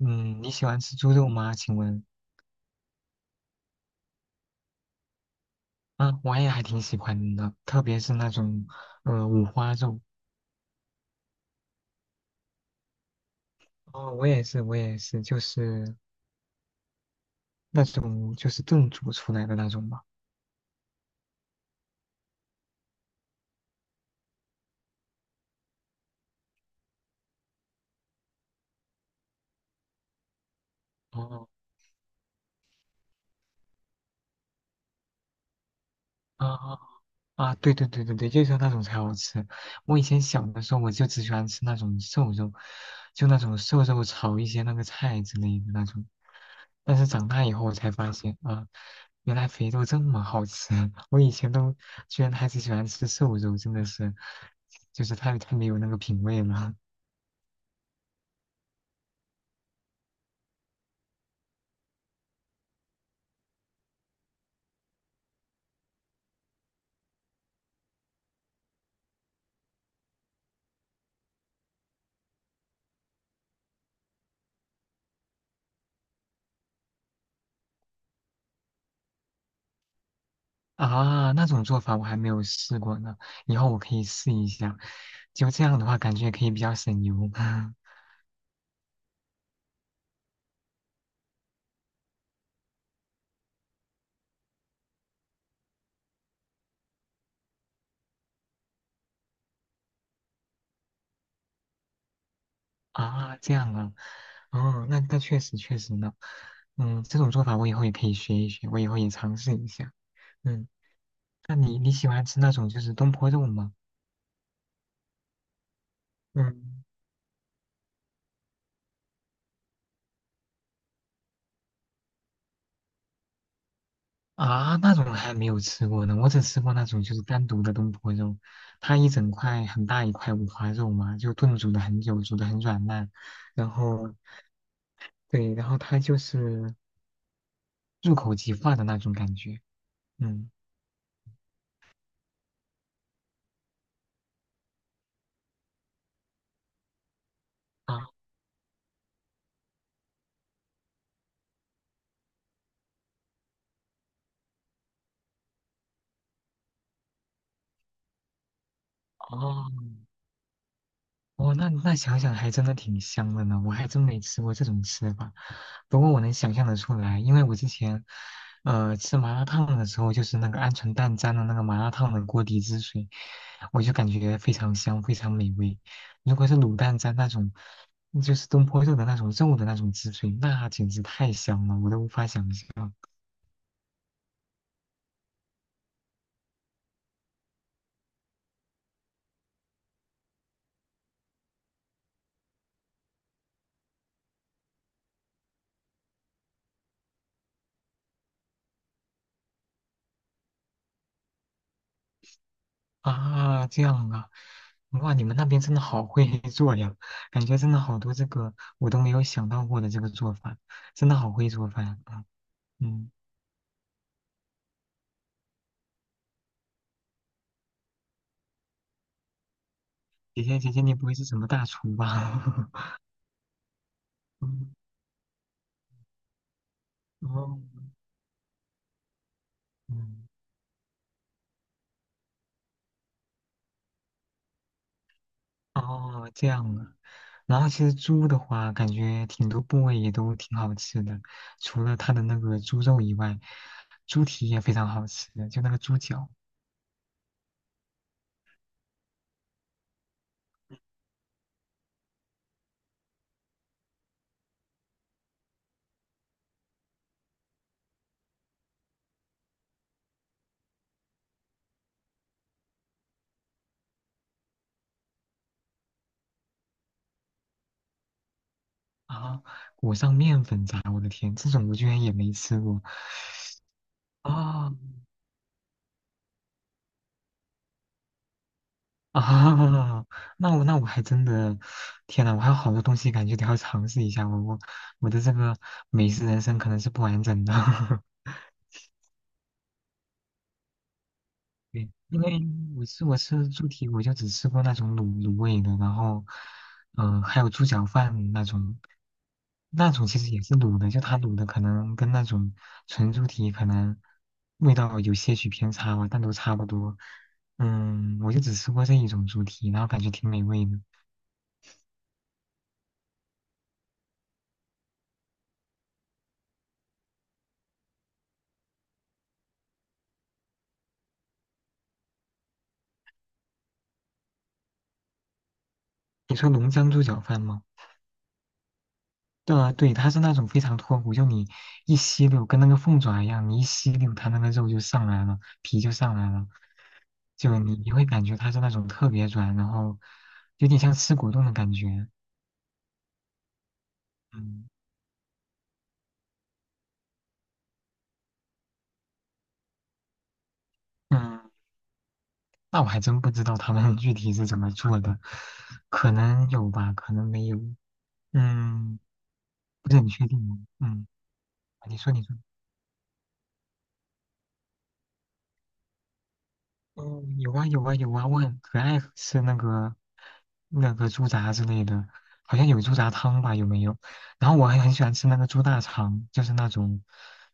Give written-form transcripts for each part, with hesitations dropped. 嗯，你喜欢吃猪肉吗？请问。啊，我也还挺喜欢的，特别是那种五花肉。哦，我也是，我也是，就是那种就是炖煮出来的那种吧。哦啊啊，对对对对对，就是那种才好吃。我以前小的时候，我就只喜欢吃那种瘦肉，就那种瘦肉炒一些那个菜之类的那种。但是长大以后我才发现啊，原来肥肉这么好吃，我以前都居然还只喜欢吃瘦肉，真的是。就是太没有那个品味了。啊！那种做法我还没有试过呢，以后我可以试一下。就这样的话，感觉也可以比较省油 啊。这样啊，哦，那确实确实呢。这种做法我以后也可以学一学，我以后也尝试一下。嗯，那你喜欢吃那种就是东坡肉吗？嗯。啊，那种还没有吃过呢，我只吃过那种就是单独的东坡肉，它一整块很大一块五花肉嘛，就炖煮了很久，煮的很软烂，然后对，然后它就是入口即化的那种感觉。嗯啊哦哦，那想想还真的挺香的呢，我还真没吃过这种吃法。不过我能想象得出来，因为我之前，吃麻辣烫的时候，就是那个鹌鹑蛋沾了那个麻辣烫的锅底汁水，我就感觉非常香，非常美味。如果是卤蛋沾那种，就是东坡肉的那种肉的那种汁水，那简直太香了，我都无法想象。啊，这样啊，哇，你们那边真的好会 做呀，感觉真的好多这个我都没有想到过的这个做法，真的好会做饭啊。嗯，姐姐姐姐，你不会是什么大厨吧？嗯哦，嗯，哦，这样啊。然后其实猪的话，感觉挺多部位也都挺好吃的，除了它的那个猪肉以外，猪蹄也非常好吃，就那个猪脚啊，裹上面粉炸，我的天，这种我居然也没吃过。啊啊，那我还真的，天呐，我还有好多东西感觉得要尝试一下，我的这个美食人生可能是不完整的，对，因为我吃猪蹄，我就只吃过那种卤味的，然后，还有猪脚饭那种，那种其实也是卤的，就它卤的可能跟那种纯猪蹄可能味道有些许偏差吧，但都差不多。我就只吃过这一种猪蹄，然后感觉挺美味的。你说浓江猪脚饭吗？对啊，对，它是那种非常脱骨，就你一吸溜，跟那个凤爪一样，你一吸溜，它那个肉就上来了，皮就上来了，就你会感觉它是那种特别软，然后有点像吃果冻的感觉。嗯嗯，那我还真不知道他们 具体是怎么做的，可能有吧，可能没有，嗯，不是很确定啊。嗯，你说你说。嗯，有啊有啊有啊，我很可爱吃那个猪杂之类的，好像有猪杂汤吧，有没有？然后我还很喜欢吃那个猪大肠，就是那种，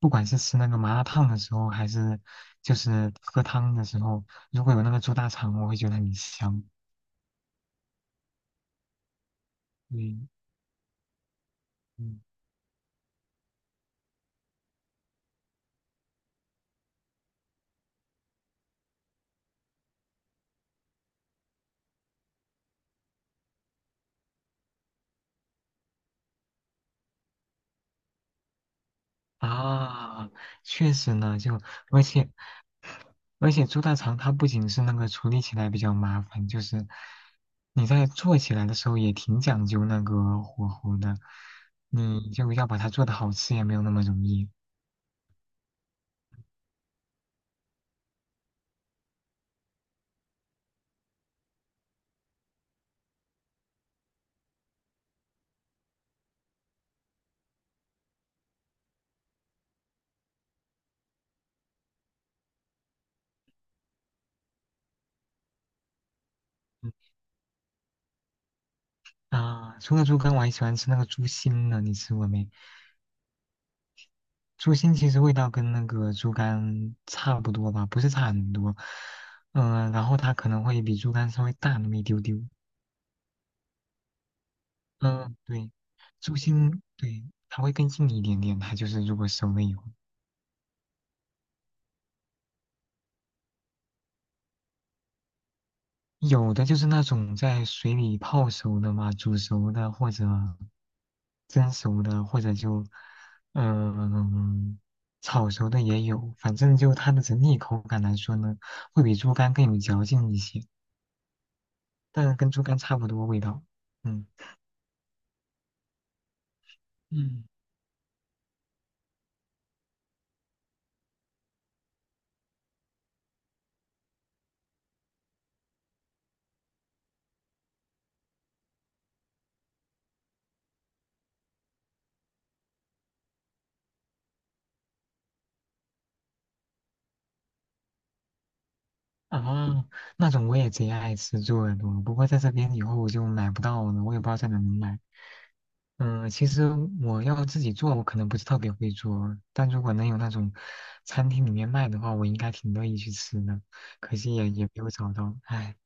不管是吃那个麻辣烫的时候，还是就是喝汤的时候，如果有那个猪大肠，我会觉得很香。嗯嗯啊，确实呢，就而且而且猪大肠它不仅是那个处理起来比较麻烦，就是你在做起来的时候也挺讲究那个火候的，你就要把它做的好吃也没有那么容易。嗯啊，除了猪肝，我还喜欢吃那个猪心呢，你吃过没？猪心其实味道跟那个猪肝差不多吧，不是差很多。然后它可能会比猪肝稍微大那么一丢丢。嗯，对，猪心，对，它会更硬一点点。它就是如果熟了以后，有的就是那种在水里泡熟的嘛，煮熟的或者蒸熟的，或者就嗯、炒熟的也有。反正就它的整体口感来说呢，会比猪肝更有嚼劲一些，但是跟猪肝差不多味道。嗯嗯，啊，那种我也贼爱吃猪耳朵，不过在这边以后我就买不到了，我也不知道在哪能买。嗯，其实我要自己做，我可能不是特别会做，但如果能有那种餐厅里面卖的话，我应该挺乐意去吃的。可惜也没有找到，唉。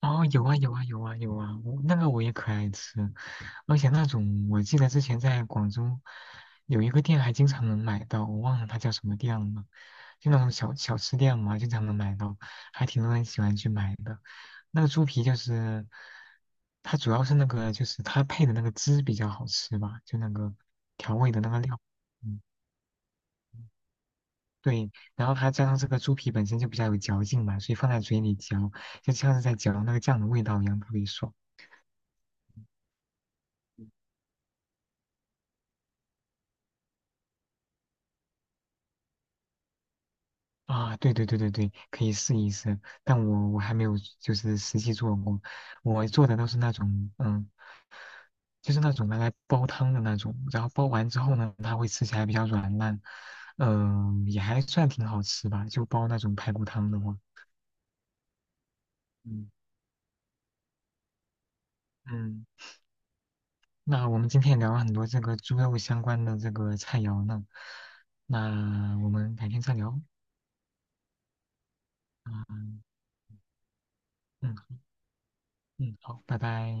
哦，有啊有啊有啊有啊，我那个我也可爱吃，而且那种我记得之前在广州有一个店还经常能买到，我忘了它叫什么店了，就那种小小吃店嘛，经常能买到，还挺多人喜欢去买的。那个猪皮就是它主要是那个就是它配的那个汁比较好吃吧，就那个调味的那个料，嗯，对，然后它加上这个猪皮本身就比较有嚼劲嘛，所以放在嘴里嚼，就像是在嚼那个酱的味道一样，特别爽。啊，对对对对对，可以试一试，但我还没有就是实际做过，我做的都是那种就是那种拿来煲汤的那种，然后煲完之后呢，它会吃起来比较软烂，也还算挺好吃吧，就煲那种排骨汤的话，嗯，嗯，那我们今天也聊了很多这个猪肉相关的这个菜肴呢，那我们改天再聊。嗯嗯嗯，好，拜拜。